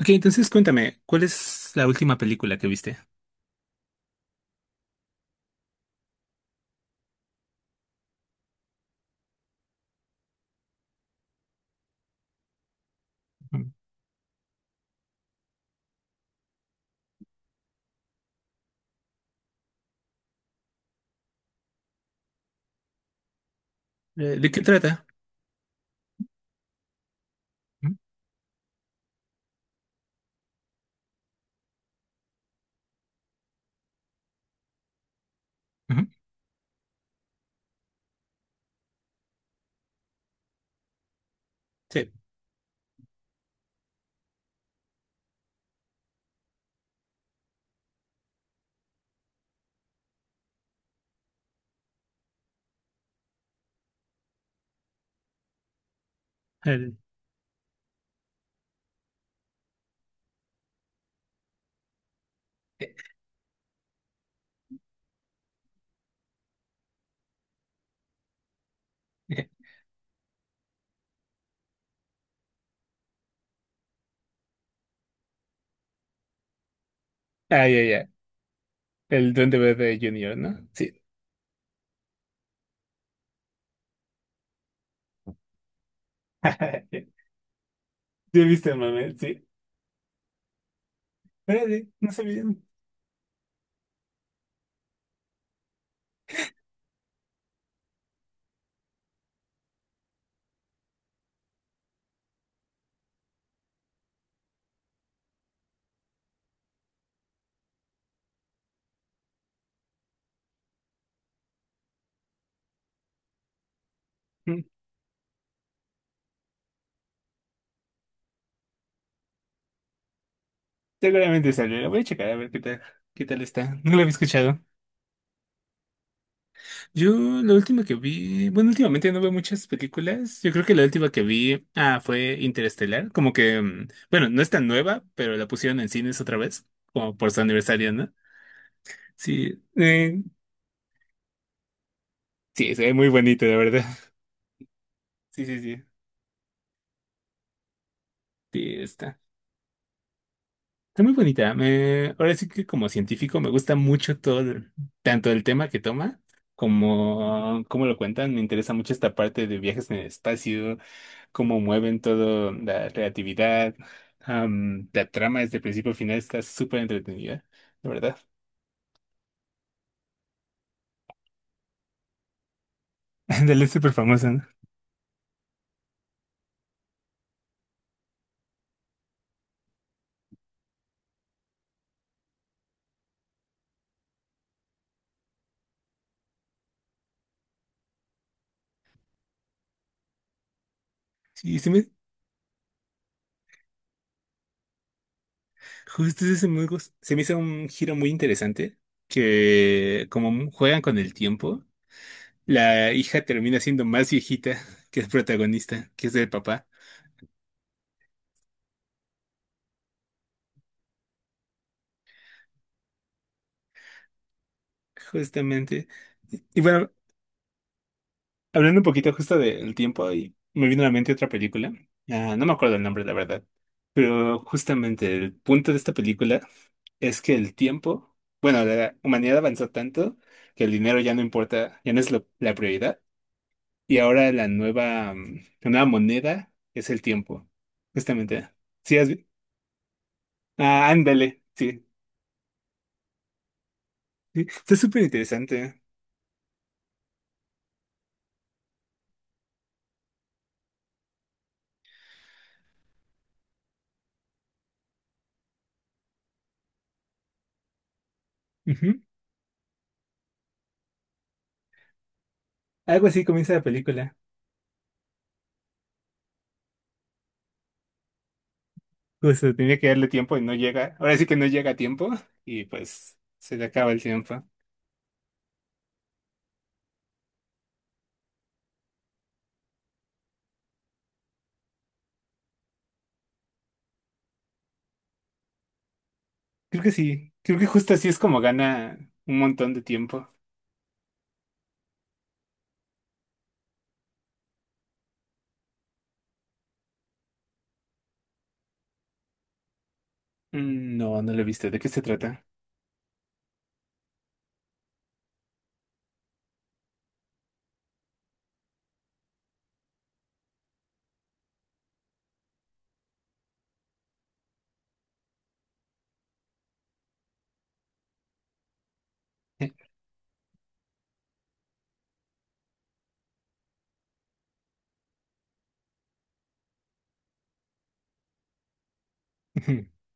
Ok, entonces cuéntame, ¿cuál es la última película que viste? Ujú. ¿De qué trata? Ujú, ujú. Sí. El... eh, eh, Ah, ya, ya. El Duende Verde Junior, ¿no? Sí. Sí, viste el mame, sí. Órale, no sabía. Mm, seguramente salió. La voy a checar a ver qué tal está. No lo había escuchado. Yo, la última que vi, bueno, últimamente no veo muchas películas. Yo creo que la última que vi, fue Interestelar. Como que, bueno, no es tan nueva, pero la pusieron en cines otra vez, como por su aniversario, ¿no? Sí, sí, se ve muy bonito, la verdad. Sí, sí, sí, sí, está. Está muy bonita. Me, ahora sí que como científico me gusta mucho todo, tanto el tema que toma como cómo lo cuentan. Me interesa mucho esta parte de viajes en el espacio, cómo mueven todo, la relatividad. La trama desde principio a final está súper entretenida, la verdad. Dale, es súper famosa, ¿no? Sí, sí, justo ese se me hizo un giro muy interesante, que juegan con el tiempo, la hija termina siendo más viejita que el protagonista, que es el papá, justamente. Y bueno, hablando un poquito justo del tiempo, y me vino a la mente otra película. No me acuerdo el nombre, la verdad, pero justamente el punto de esta película es que el tiempo, bueno, la humanidad avanzó tanto que el dinero ya no importa, ya no es la prioridad. Y ahora la nueva, la nueva moneda es el tiempo, justamente. Sí, has vi- Ah, ándale, sí. Sí. Está súper interesante. Ujú. Algo así comienza la película. Justo, tenía que darle tiempo y no llega. Ahora sí que no llega a tiempo y pues se le acaba el tiempo. Creo que sí. Creo que justo así es como gana un montón de tiempo. Mm, no, no lo he visto. ¿De qué se trata?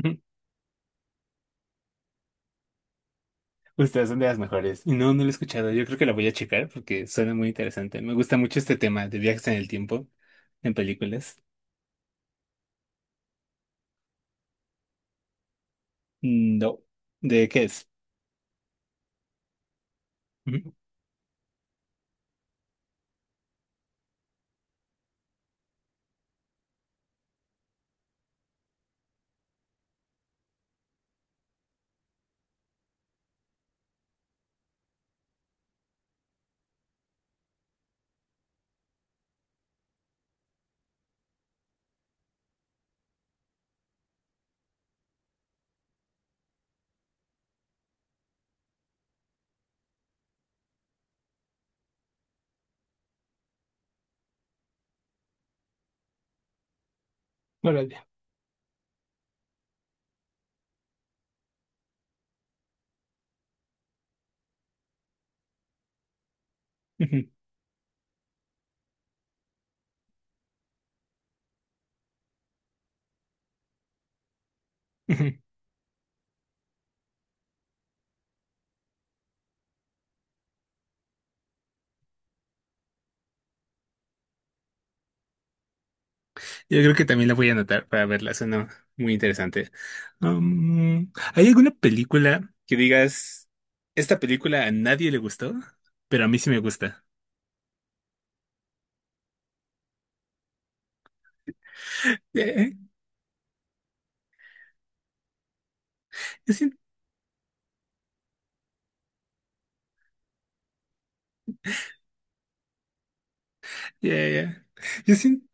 Ujú. Ustedes son de las mejores. Y no, no lo he escuchado. Yo creo que la voy a checar porque suena muy interesante. Me gusta mucho este tema de viajes en el tiempo en películas. Mm, no. ¿De qué es? Ujú, órale. Ujú, ujú. Yo creo que también la voy a anotar para verla. Suena muy interesante. ¿Hay alguna película que digas, esta película a nadie le gustó, pero a mí sí me gusta? Ya, yo siento, ya, ya. Yo siento,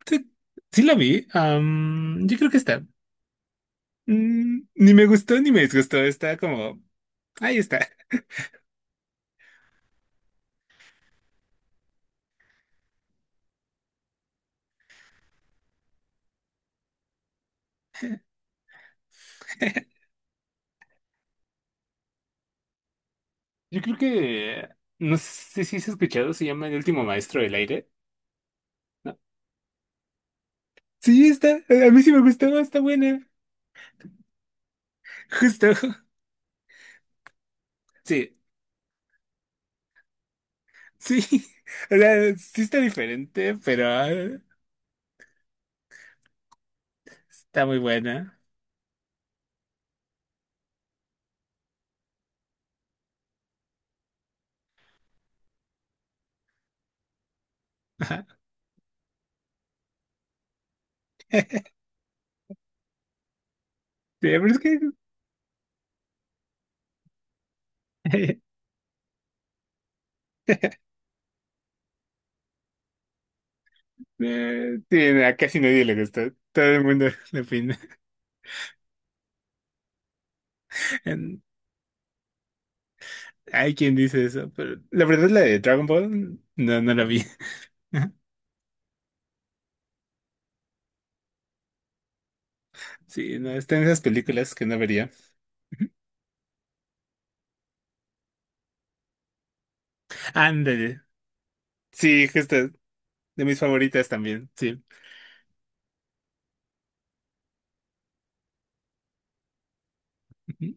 sí la vi. Yo creo que está. Mm, ni me gustó ni me disgustó. Está como. Ahí está. Yo creo que, no sé si has escuchado, se llama El último maestro del aire. ¿No? Sí, está. A mí sí me gustó. Está buena. Justo. Sí, sí. O sea, sí está diferente, pero está muy buena. Ajá. Sí, pero es que. Sí, a casi nadie le gusta. Todo el mundo le opina. En- hay quien dice eso, pero la verdad la de Dragon Ball no, no la vi. Sí, no, está en esas películas que no vería. Ándale. Sí, justo, de mis favoritas también, sí. Ujú.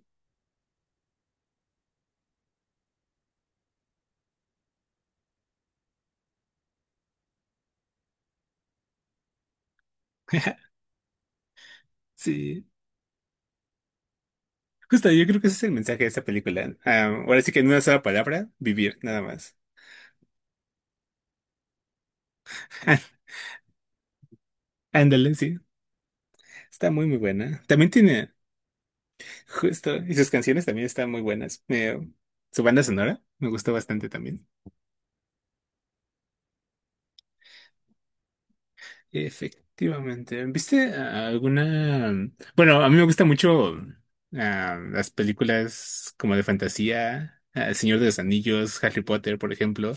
Sí, justo, yo creo que ese es el mensaje de esa película. Ahora sí que en una sola palabra, vivir, nada más. Ah, ándale, sí. Está muy, muy buena. También tiene, justo, y sus canciones también están muy buenas. Su banda sonora me gustó bastante también. Efectivamente. ¿Viste alguna? Bueno, a mí me gustan mucho las películas como de fantasía, El Señor de los Anillos, Harry Potter, por ejemplo.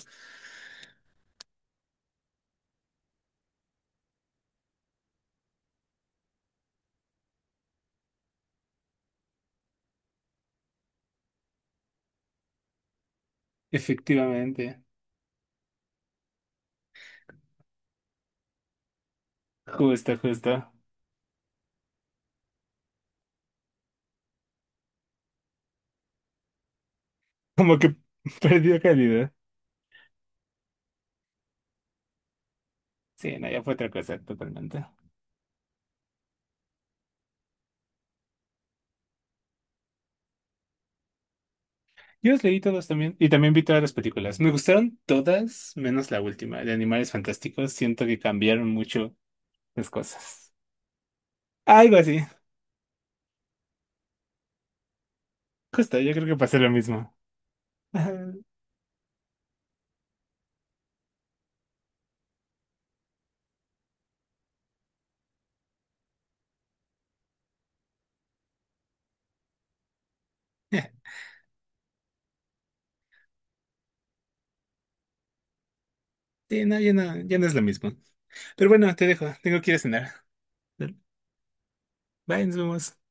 Efectivamente. Justo, justo. Como que perdió calidad. Sí, no, ya fue otra cosa totalmente. Yo los leí todos también y también vi todas las películas. Me gustaron todas, menos la última, de Animales Fantásticos. Siento que cambiaron mucho las cosas. Algo así. Justo, yo creo que pasé lo mismo. Ajá. Eh, Sí, no, ya no, ya no es lo mismo. Pero bueno, te dejo. Tengo que ir a cenar. Bye, nos vemos.